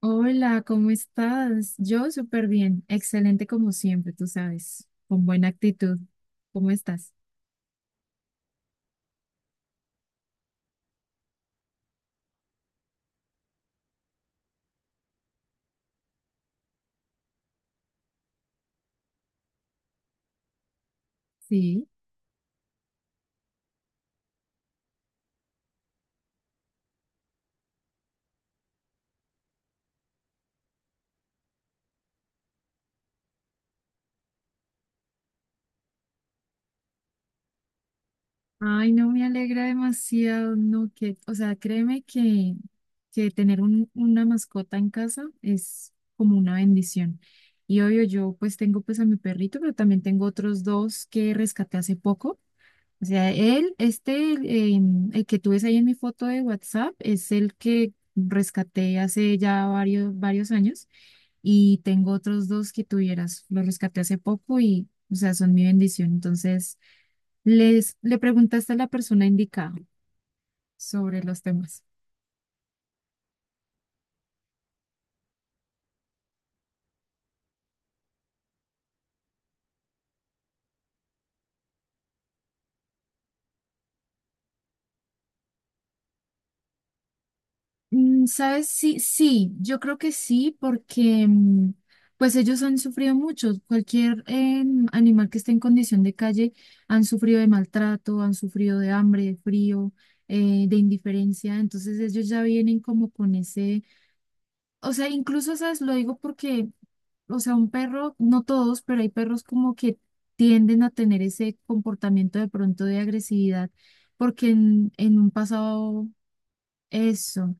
Hola, ¿cómo estás? Yo súper bien, excelente como siempre, tú sabes, con buena actitud. ¿Cómo estás? Sí. Ay, no, me alegra demasiado, no, que, o sea, créeme que tener una mascota en casa es como una bendición. Y obvio, yo pues tengo pues a mi perrito, pero también tengo otros dos que rescaté hace poco. O sea, él, este, el, em, el que tú ves ahí en mi foto de WhatsApp es el que rescaté hace ya varios años, y tengo otros dos que tuvieras. Los rescaté hace poco y, o sea, son mi bendición. Entonces, le preguntaste a la persona indicada sobre los temas. ¿Sabes? Sí, sí, yo creo que sí, porque pues ellos han sufrido mucho. Cualquier animal que esté en condición de calle han sufrido de maltrato, han sufrido de hambre, de frío, de indiferencia. Entonces ellos ya vienen como con ese, o sea, incluso, ¿sabes? Lo digo porque, o sea, un perro, no todos, pero hay perros como que tienden a tener ese comportamiento de pronto de agresividad, porque en un pasado eso.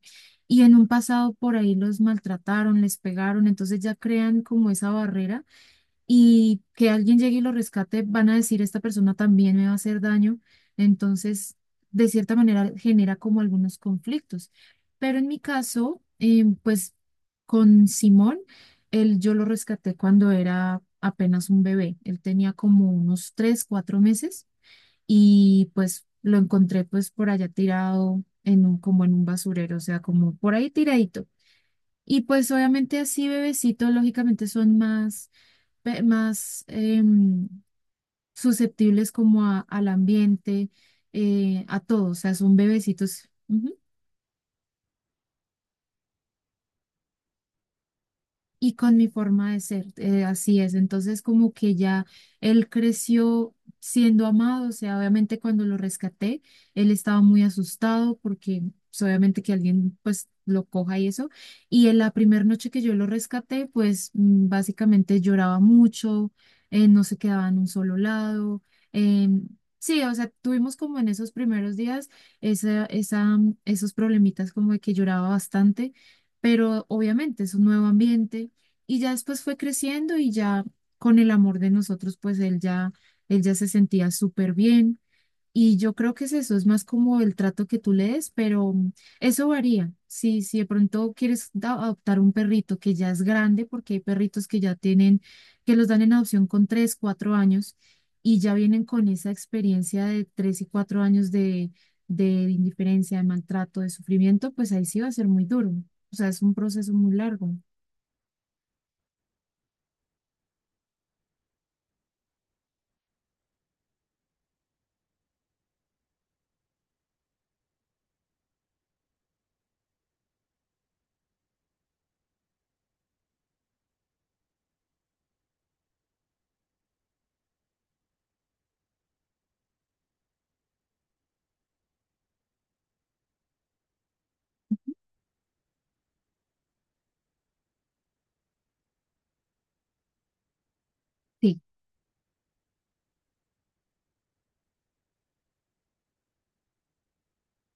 Y en un pasado por ahí los maltrataron, les pegaron, entonces ya crean como esa barrera, y que alguien llegue y lo rescate, van a decir, esta persona también me va a hacer daño. Entonces, de cierta manera, genera como algunos conflictos. Pero en mi caso, pues con Simón, yo lo rescaté cuando era apenas un bebé. Él tenía como unos tres, cuatro meses y pues lo encontré pues por allá tirado en un, como en un basurero, o sea, como por ahí tiradito. Y pues obviamente así bebecitos lógicamente son más susceptibles como al ambiente, a todo, o sea, son bebecitos. Ujú. Y con mi forma de ser. Así es. Entonces, como que ya él creció siendo amado, o sea, obviamente cuando lo rescaté, él estaba muy asustado porque pues, obviamente, que alguien pues lo coja y eso. Y en la primera noche que yo lo rescaté, pues básicamente lloraba mucho, no se quedaba en un solo lado. em, Sí, o sea, tuvimos como en esos primeros días esa, esa, esos problemitas como de que lloraba bastante, pero obviamente es un nuevo ambiente, y ya después fue creciendo, y ya con el amor de nosotros, pues él ya se sentía súper bien. Y yo creo que es eso, es más como el trato que tú le des, pero eso varía. Si de pronto quieres adoptar un perrito que ya es grande, porque hay perritos que ya tienen, que los dan en adopción con tres, cuatro años, y ya vienen con esa experiencia de tres y cuatro años de, indiferencia, de maltrato, de sufrimiento, pues ahí sí va a ser muy duro. O sea, es un proceso muy largo.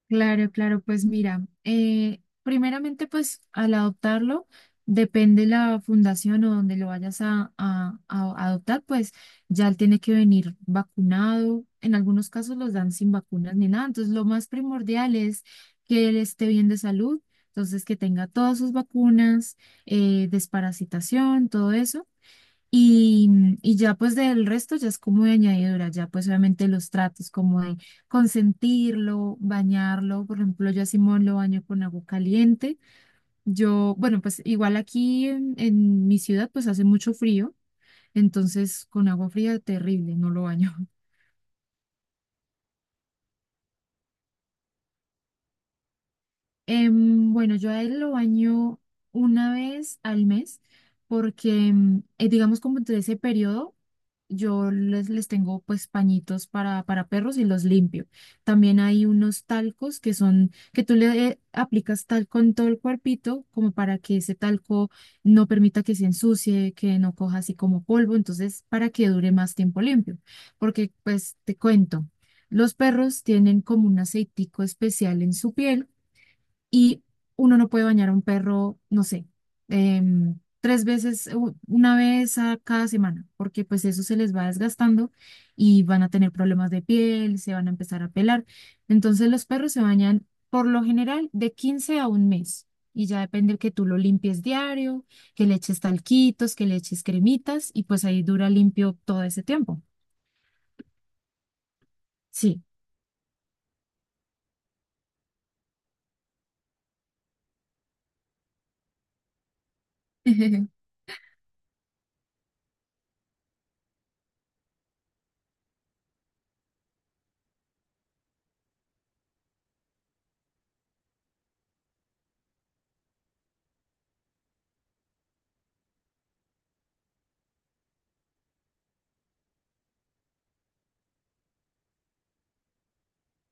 Claro, claro, pues mira, primeramente pues al adoptarlo, depende la fundación o donde lo vayas a adoptar, pues ya él tiene que venir vacunado, en algunos casos los dan sin vacunas ni nada, entonces lo más primordial es que él esté bien de salud, entonces que tenga todas sus vacunas, desparasitación, todo eso. Y, y ya pues del resto ya es como de añadidura, ya pues obviamente los tratos como de consentirlo, bañarlo. Por ejemplo, yo a Simón lo baño con agua caliente. Yo, bueno, pues igual aquí en, mi ciudad pues hace mucho frío, entonces con agua fría terrible, no lo baño. Bueno, yo a él lo baño una vez al mes porque, digamos, como entre ese periodo, yo les tengo pues pañitos para perros, y los limpio. También hay unos talcos que son, que tú le aplicas talco en todo el cuerpito como para que ese talco no permita que se ensucie, que no coja así como polvo, entonces para que dure más tiempo limpio. Porque pues te cuento, los perros tienen como un aceitico especial en su piel, y uno no puede bañar a un perro, no sé, tres veces, una vez a cada semana, porque pues eso se les va desgastando y van a tener problemas de piel, se van a empezar a pelar. Entonces los perros se bañan por lo general de 15 a un mes. Y ya depende que tú lo limpies diario, que le eches talquitos, que le eches cremitas, y pues ahí dura limpio todo ese tiempo. Sí.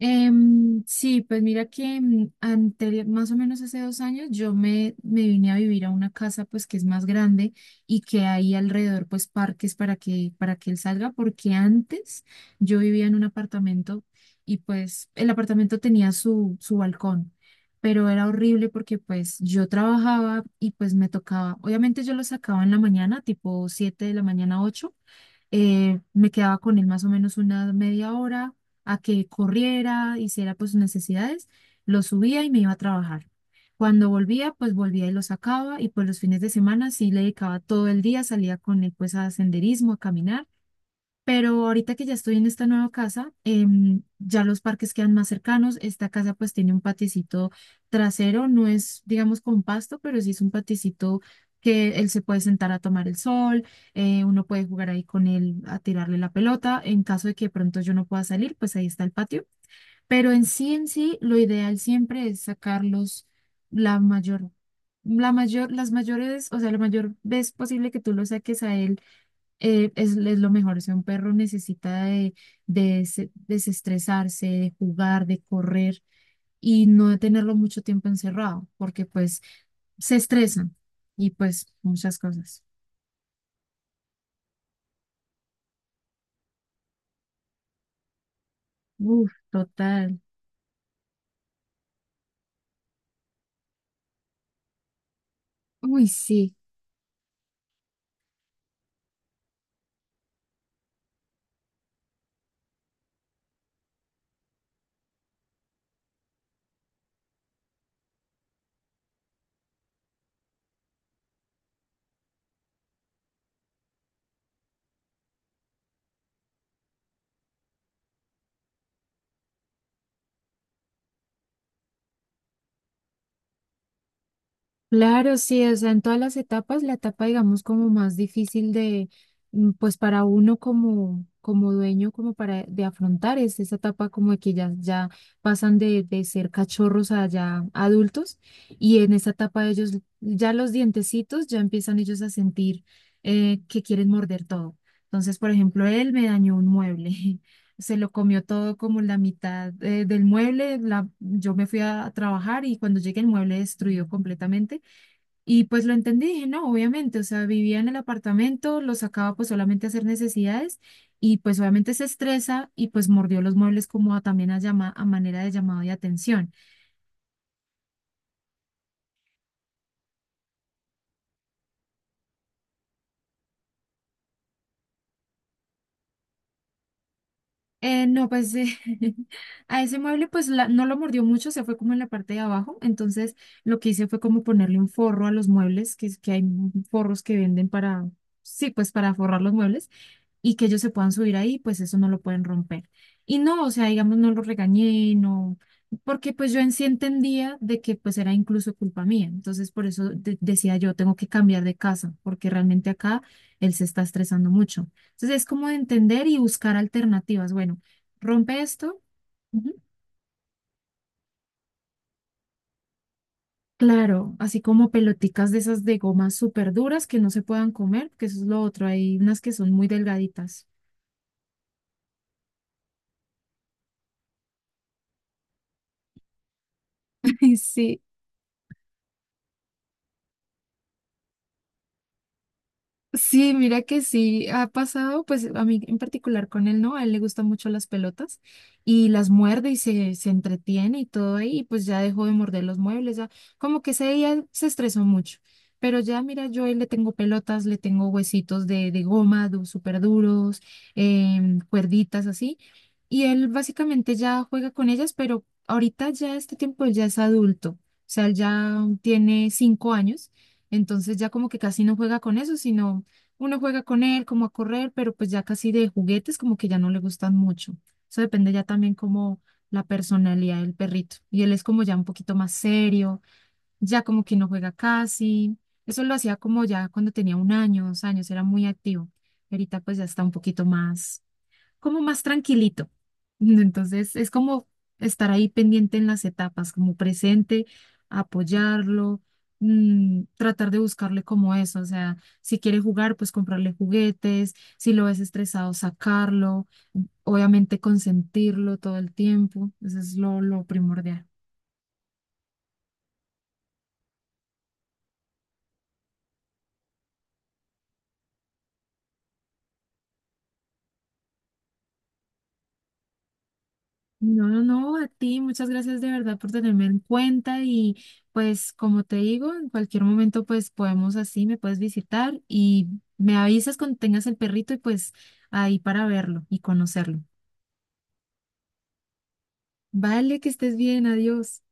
Sí, pues mira que anterior, más o menos hace 2 años, yo me vine a vivir a una casa pues que es más grande, y que hay alrededor pues parques para que, él salga, porque antes yo vivía en un apartamento, y pues el apartamento tenía su balcón, pero era horrible porque pues yo trabajaba, y pues me tocaba, obviamente, yo lo sacaba en la mañana, tipo 7 de la mañana, ocho, me quedaba con él más o menos una media hora a que corriera, hiciera pues sus necesidades, lo subía y me iba a trabajar. Cuando volvía, pues volvía y lo sacaba, y pues los fines de semana sí le dedicaba todo el día, salía con él pues a senderismo, a caminar. Pero ahorita que ya estoy en esta nueva casa, ya los parques quedan más cercanos. Esta casa pues tiene un paticito trasero, no es, digamos, con pasto, pero sí es un paticito que él se puede sentar a tomar el sol, uno puede jugar ahí con él a tirarle la pelota. En caso de que de pronto yo no pueda salir, pues ahí está el patio. Pero en sí, lo ideal siempre es sacarlos la mayor, la mayor, las mayores, o sea, la mayor vez posible que tú lo saques a él es, lo mejor. O sea, un perro necesita de desestresarse, de jugar, de correr, y no de tenerlo mucho tiempo encerrado, porque pues se estresan y pues muchas cosas. Uf, total. Uy, sí. Claro, sí, o sea, en todas las etapas, la etapa, digamos, como más difícil de, pues para uno como, dueño, como para de afrontar, es esa etapa como de que ya pasan de ser cachorros a ya adultos, y en esa etapa ellos, ya los dientecitos, ya empiezan ellos a sentir que quieren morder todo. Entonces, por ejemplo, él me dañó un mueble. Se lo comió todo como la mitad del mueble. Yo me fui a trabajar, y cuando llegué, el mueble destruido completamente. Y pues lo entendí, dije, no, obviamente, o sea, vivía en el apartamento, lo sacaba pues solamente a hacer necesidades, y pues obviamente se estresa, y pues mordió los muebles como también a manera de llamado de atención. No, pues a ese mueble pues no lo mordió mucho, se fue como en la parte de abajo, entonces lo que hice fue como ponerle un forro a los muebles, que, que hay forros que venden para, sí, pues para forrar los muebles, y que ellos se puedan subir ahí, pues eso no lo pueden romper. Y no, o sea, digamos, no lo regañé, no, porque pues yo en sí entendía de que pues era incluso culpa mía, entonces por eso decía yo, tengo que cambiar de casa, porque realmente acá él se está estresando mucho. Entonces es como de entender y buscar alternativas. Bueno, rompe esto. Ujú. Claro, así como peloticas de esas de gomas súper duras que no se puedan comer, que eso es lo otro. Hay unas que son muy delgaditas. Sí, sí, mira que sí, ha pasado, pues a mí en particular con él, ¿no? A él le gustan mucho las pelotas, y las muerde y se entretiene y todo ahí, y pues ya dejó de morder los muebles, ya como que ese día se estresó mucho. Pero ya, mira, yo a él le tengo pelotas, le tengo huesitos de, goma, du, súper duros, cuerditas así, y él básicamente ya juega con ellas, pero ahorita ya este tiempo él ya es adulto, o sea, él ya tiene 5 años. Entonces ya como que casi no juega con eso, sino uno juega con él como a correr, pero pues ya casi de juguetes como que ya no le gustan mucho. Eso depende ya también como la personalidad del perrito. Y él es como ya un poquito más serio, ya como que no juega casi. Eso lo hacía como ya cuando tenía un año, 2 años, era muy activo. Ahorita pues ya está un poquito más como más tranquilito. Entonces, es como estar ahí pendiente en las etapas, como presente, apoyarlo, tratar de buscarle como eso, o sea, si quiere jugar, pues comprarle juguetes, si lo ves estresado, sacarlo, obviamente consentirlo todo el tiempo, eso es lo, primordial. No, no, no, a ti, muchas gracias de verdad por tenerme en cuenta, y pues como te digo, en cualquier momento pues podemos así, me puedes visitar, y me avisas cuando tengas el perrito y pues ahí para verlo y conocerlo. Vale, que estés bien, adiós.